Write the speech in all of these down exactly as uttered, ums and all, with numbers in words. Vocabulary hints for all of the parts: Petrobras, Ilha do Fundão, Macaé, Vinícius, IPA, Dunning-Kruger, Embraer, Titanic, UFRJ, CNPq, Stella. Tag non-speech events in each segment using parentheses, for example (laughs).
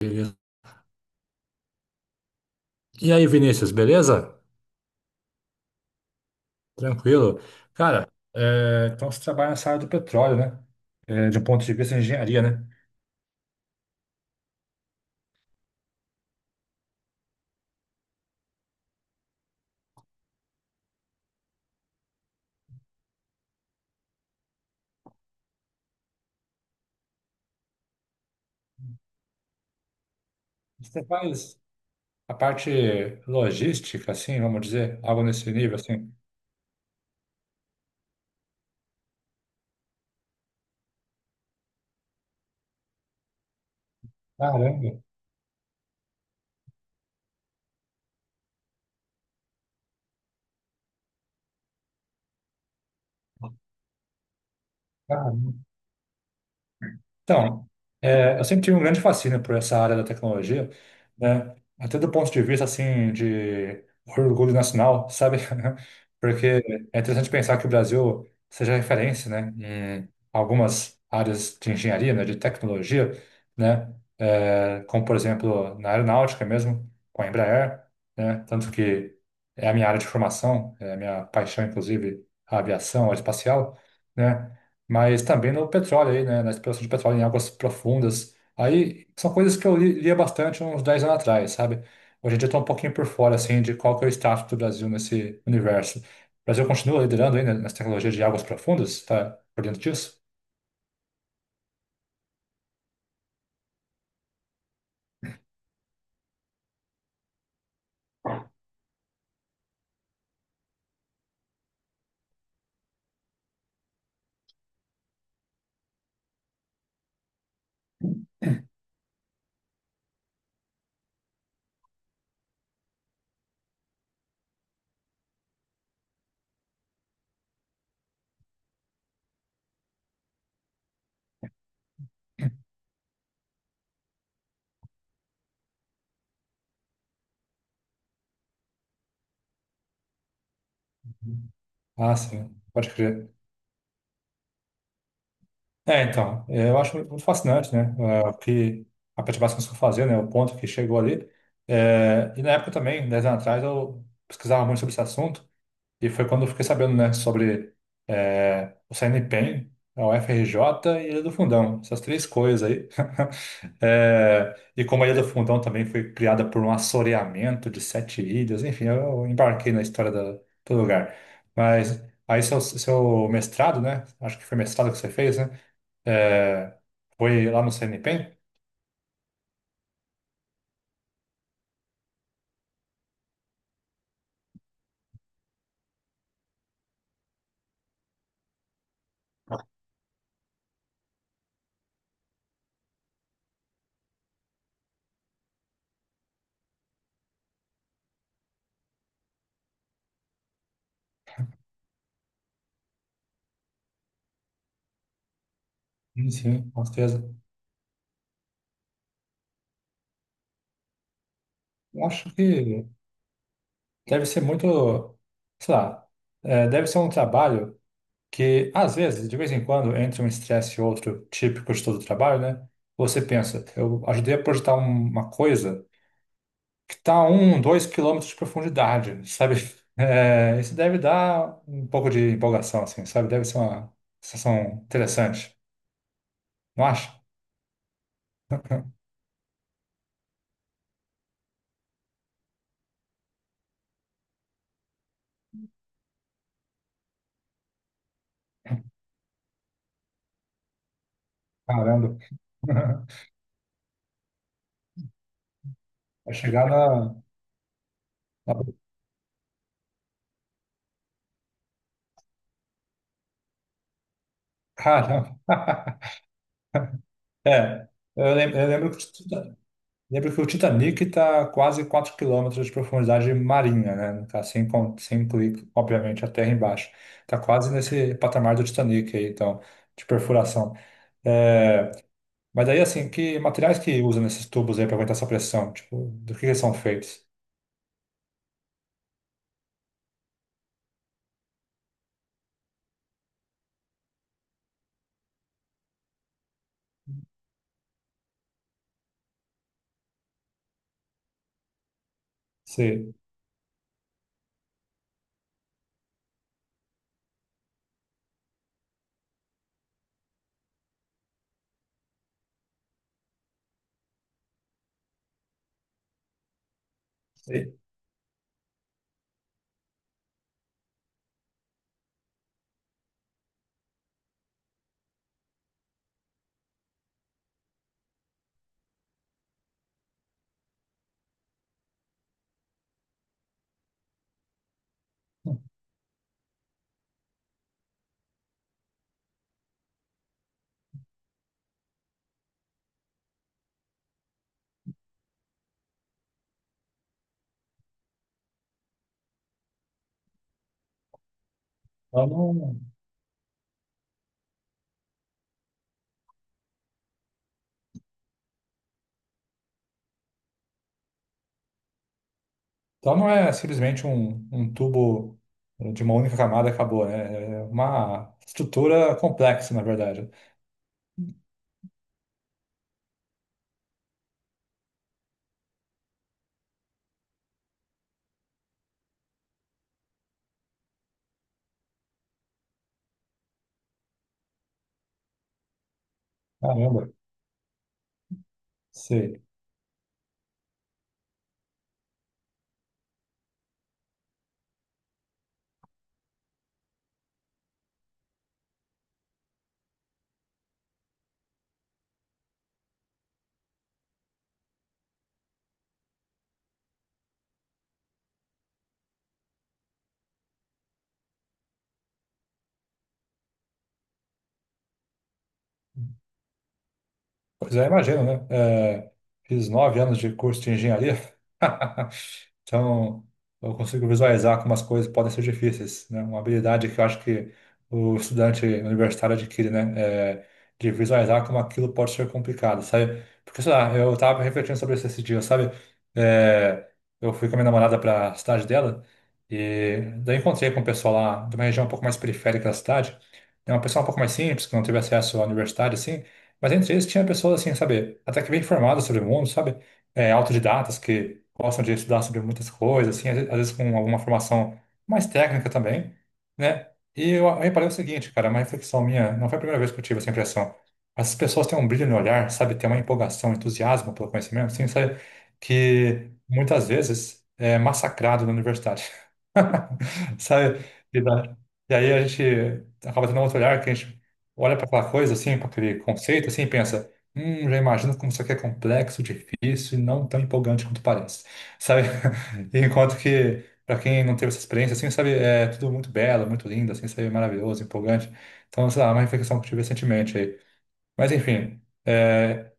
Beleza. E aí, Vinícius, beleza? Tranquilo. Cara, é, então você trabalha nessa área do petróleo, né? É, de um ponto de vista de engenharia, né? Você faz a parte logística, assim, vamos dizer, algo nesse nível, assim. Caramba. Então, é, eu sempre tive um grande fascínio por essa área da tecnologia, né? Até do ponto de vista, assim, de orgulho nacional, sabe? (laughs) Porque é interessante pensar que o Brasil seja referência, né? Em algumas áreas de engenharia, né? De tecnologia, né? É, como, por exemplo, na aeronáutica mesmo, com a Embraer, né? Tanto que é a minha área de formação, é a minha paixão, inclusive, a aviação, a aeroespacial, né? Mas também no petróleo aí, né, na exploração de petróleo em águas profundas. Aí são coisas que eu li- lia bastante uns dez anos atrás, sabe? Hoje em dia eu tô um pouquinho por fora, assim, de qual que é o status do Brasil nesse universo. O Brasil continua liderando ainda nas tecnologias de águas profundas? Tá por dentro disso? Ah, sim, pode crer. É, então, é, eu acho muito fascinante, né? É, o que a Petrobras conseguiu fazer, né? O ponto que chegou ali. É, e na época também, dez anos atrás, eu pesquisava muito sobre esse assunto. E foi quando eu fiquei sabendo, né, sobre eh, o CNPq, a U F R J e a Ilha do Fundão, essas três coisas aí. (laughs) Eh, e como a Ilha do Fundão também foi criada por um assoreamento de sete ilhas, enfim, eu embarquei na história da- do lugar. Mas aí seu, seu mestrado, né, acho que foi mestrado que você fez, né, eh, foi lá no CNPq? Sim, sim, com certeza. Eu acho que deve ser muito, sei lá, eh, deve ser um trabalho que às vezes, de vez em quando, entre um estresse e outro, típico de todo trabalho, né? Você pensa, eu ajudei a projetar um- uma coisa que está a um, dois quilômetros de profundidade, sabe? (laughs) É, isso deve dar um pouco de empolgação, assim, sabe? Deve ser uma sensação interessante, não acha? (laughs) Caramba. (laughs) Vai chegar na, na... Caramba. (laughs) É, eu lem- eu lembro, que lembro que o Titanic está quase quatro quilômetros de profundidade marinha, né? Não, tá sem, con- sem incluir, obviamente, a terra embaixo. Está quase nesse patamar do Titanic aí, então, de perfuração. É, mas aí, assim, que materiais que usam nesses tubos aí para aguentar essa pressão? Tipo, do que eles são feitos? Se, se- então, não, então não é simplesmente um, um tubo de uma única camada e acabou, né? É uma estrutura complexa, na verdade. Caramba, sei. Pois é, imagino, né? É, fiz nove anos de curso de engenharia, (laughs) então eu consigo visualizar como as coisas podem ser difíceis, né? Uma habilidade que eu acho que o estudante universitário adquire, né? É, de visualizar como aquilo pode ser complicado, sabe? Porque, sei lá, eu tava refletindo sobre isso esse dia, sabe? É, eu fui com a minha namorada para a cidade dela e daí encontrei com o pessoal lá de uma região um pouco mais periférica da cidade, né? Uma pessoa um pouco mais simples, que não teve acesso à universidade, assim, mas entre eles tinha pessoas assim, sabe, até que bem informadas sobre o mundo, sabe? É, autodidatas que gostam de estudar sobre muitas coisas, assim, às ve- às vezes com alguma formação mais técnica também, né? E eu eu reparei o seguinte, cara, é uma reflexão minha, não foi a primeira vez que eu tive essa impressão. Essas pessoas têm um brilho no olhar, sabe? Tem uma empolgação, entusiasmo pelo conhecimento, assim, sabe? Que muitas vezes é massacrado na universidade. (laughs) Sabe? E, da, e aí a gente acaba tendo outro olhar, que a gente olha para aquela coisa, assim, para aquele conceito, assim, e pensa, hum, já imagino como isso aqui é complexo, difícil e não tão empolgante quanto parece, sabe? (laughs) Enquanto que, para quem não teve essa experiência, assim, sabe, é tudo muito belo, muito lindo, assim, sabe, maravilhoso, empolgante. Então, sei lá, é uma reflexão que eu tive recentemente aí. Mas, enfim, é...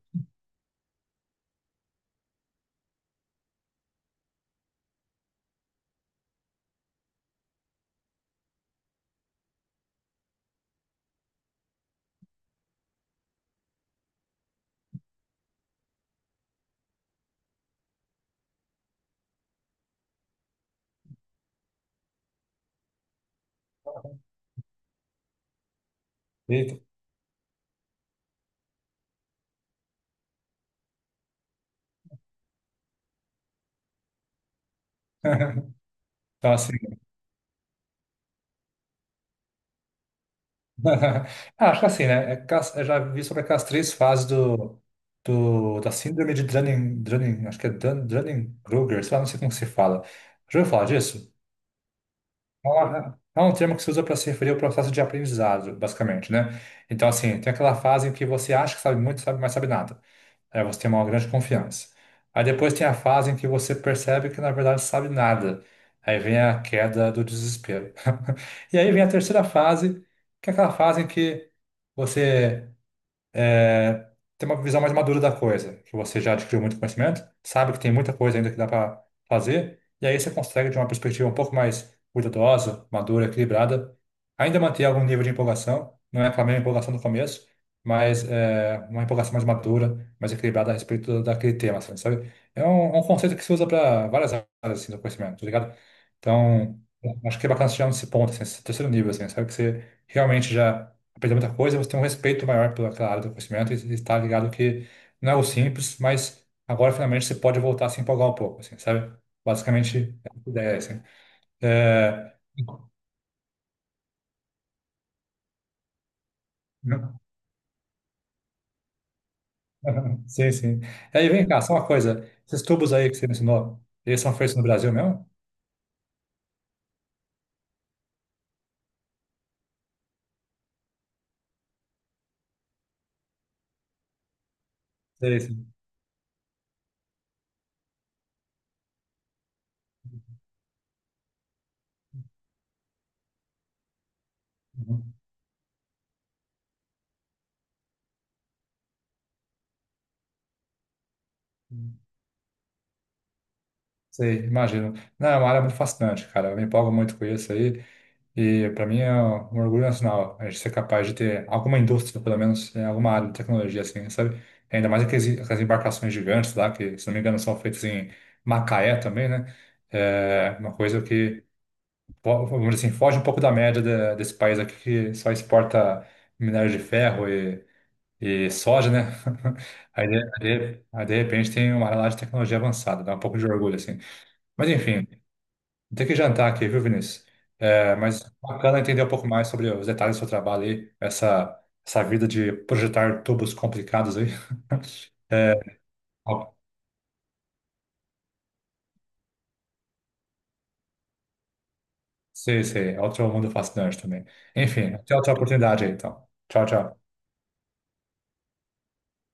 eita. (laughs) Então, assim, (laughs) ah, acho que assim, né? é cas- Eu já vi sobre aquelas três fases do, do, da síndrome de Dunning, Dunning, acho que é Dun, Dunning-Kruger, sei lá, não sei como se fala. Já ouviu falar disso? É uma- é um termo que se usa para se referir ao processo de aprendizado, basicamente, né? Então, assim, tem aquela fase em que você acha que sabe muito, sabe, mas sabe nada. Aí você tem uma grande confiança. Aí depois tem a fase em que você percebe que na verdade sabe nada. Aí vem a queda do desespero. (laughs) E aí vem a terceira fase, que é aquela fase em que você é, ter uma visão mais madura da coisa, que você já adquiriu muito conhecimento, sabe que tem muita coisa ainda que dá para fazer, e aí você consegue, de uma perspectiva um pouco mais cuidadosa, madura, equilibrada, ainda manter algum nível de empolgação, não é aquela mesma empolgação do começo, mas é uma empolgação mais madura, mais equilibrada a respeito do- daquele tema, assim, sabe? É um, um conceito que se usa para várias áreas assim, do conhecimento, tá ligado? Então, acho que é bacana chegar nesse ponto, assim, esse terceiro nível, assim, sabe? Que você realmente já aprender muita coisa, você tem um respeito maior pelaquela área do conhecimento e está ligado que não é o simples, mas agora finalmente você pode voltar a se empolgar um pouco, assim, sabe? Basicamente, é a ideia, assim. É... não- (laughs) Sim, sim. E aí, vem cá, só uma coisa. Esses tubos aí que você mencionou, eles são feitos no Brasil mesmo? Sei, sim. Uhum. Sei, imagino. Não, é uma área muito fascinante, cara. Eu me empolgo muito com isso aí. E para mim é um orgulho nacional a gente ser capaz de ter alguma indústria, pelo menos, em alguma área de tecnologia, assim, sabe? Ainda mais aqueles, aquelas embarcações gigantes lá, que, se não me engano, são feitas em Macaé também, né? É uma coisa que, fo- vamos dizer assim, foge um pouco da média de- desse país aqui que só exporta minério de ferro e, e soja, né? (laughs) Aí de, aí de aí, de repente tem uma área lá de tecnologia avançada, dá um pouco de orgulho, assim. Mas enfim. Tem que jantar aqui, viu, Vinícius? É, mas bacana entender um pouco mais sobre os detalhes do seu trabalho aí, essa, essa vida de projetar tubos complicados aí. (laughs) É, ó, sei, sei, é outro mundo fascinante também. Enfim, até outra oportunidade aí, então. Tchau, tchau.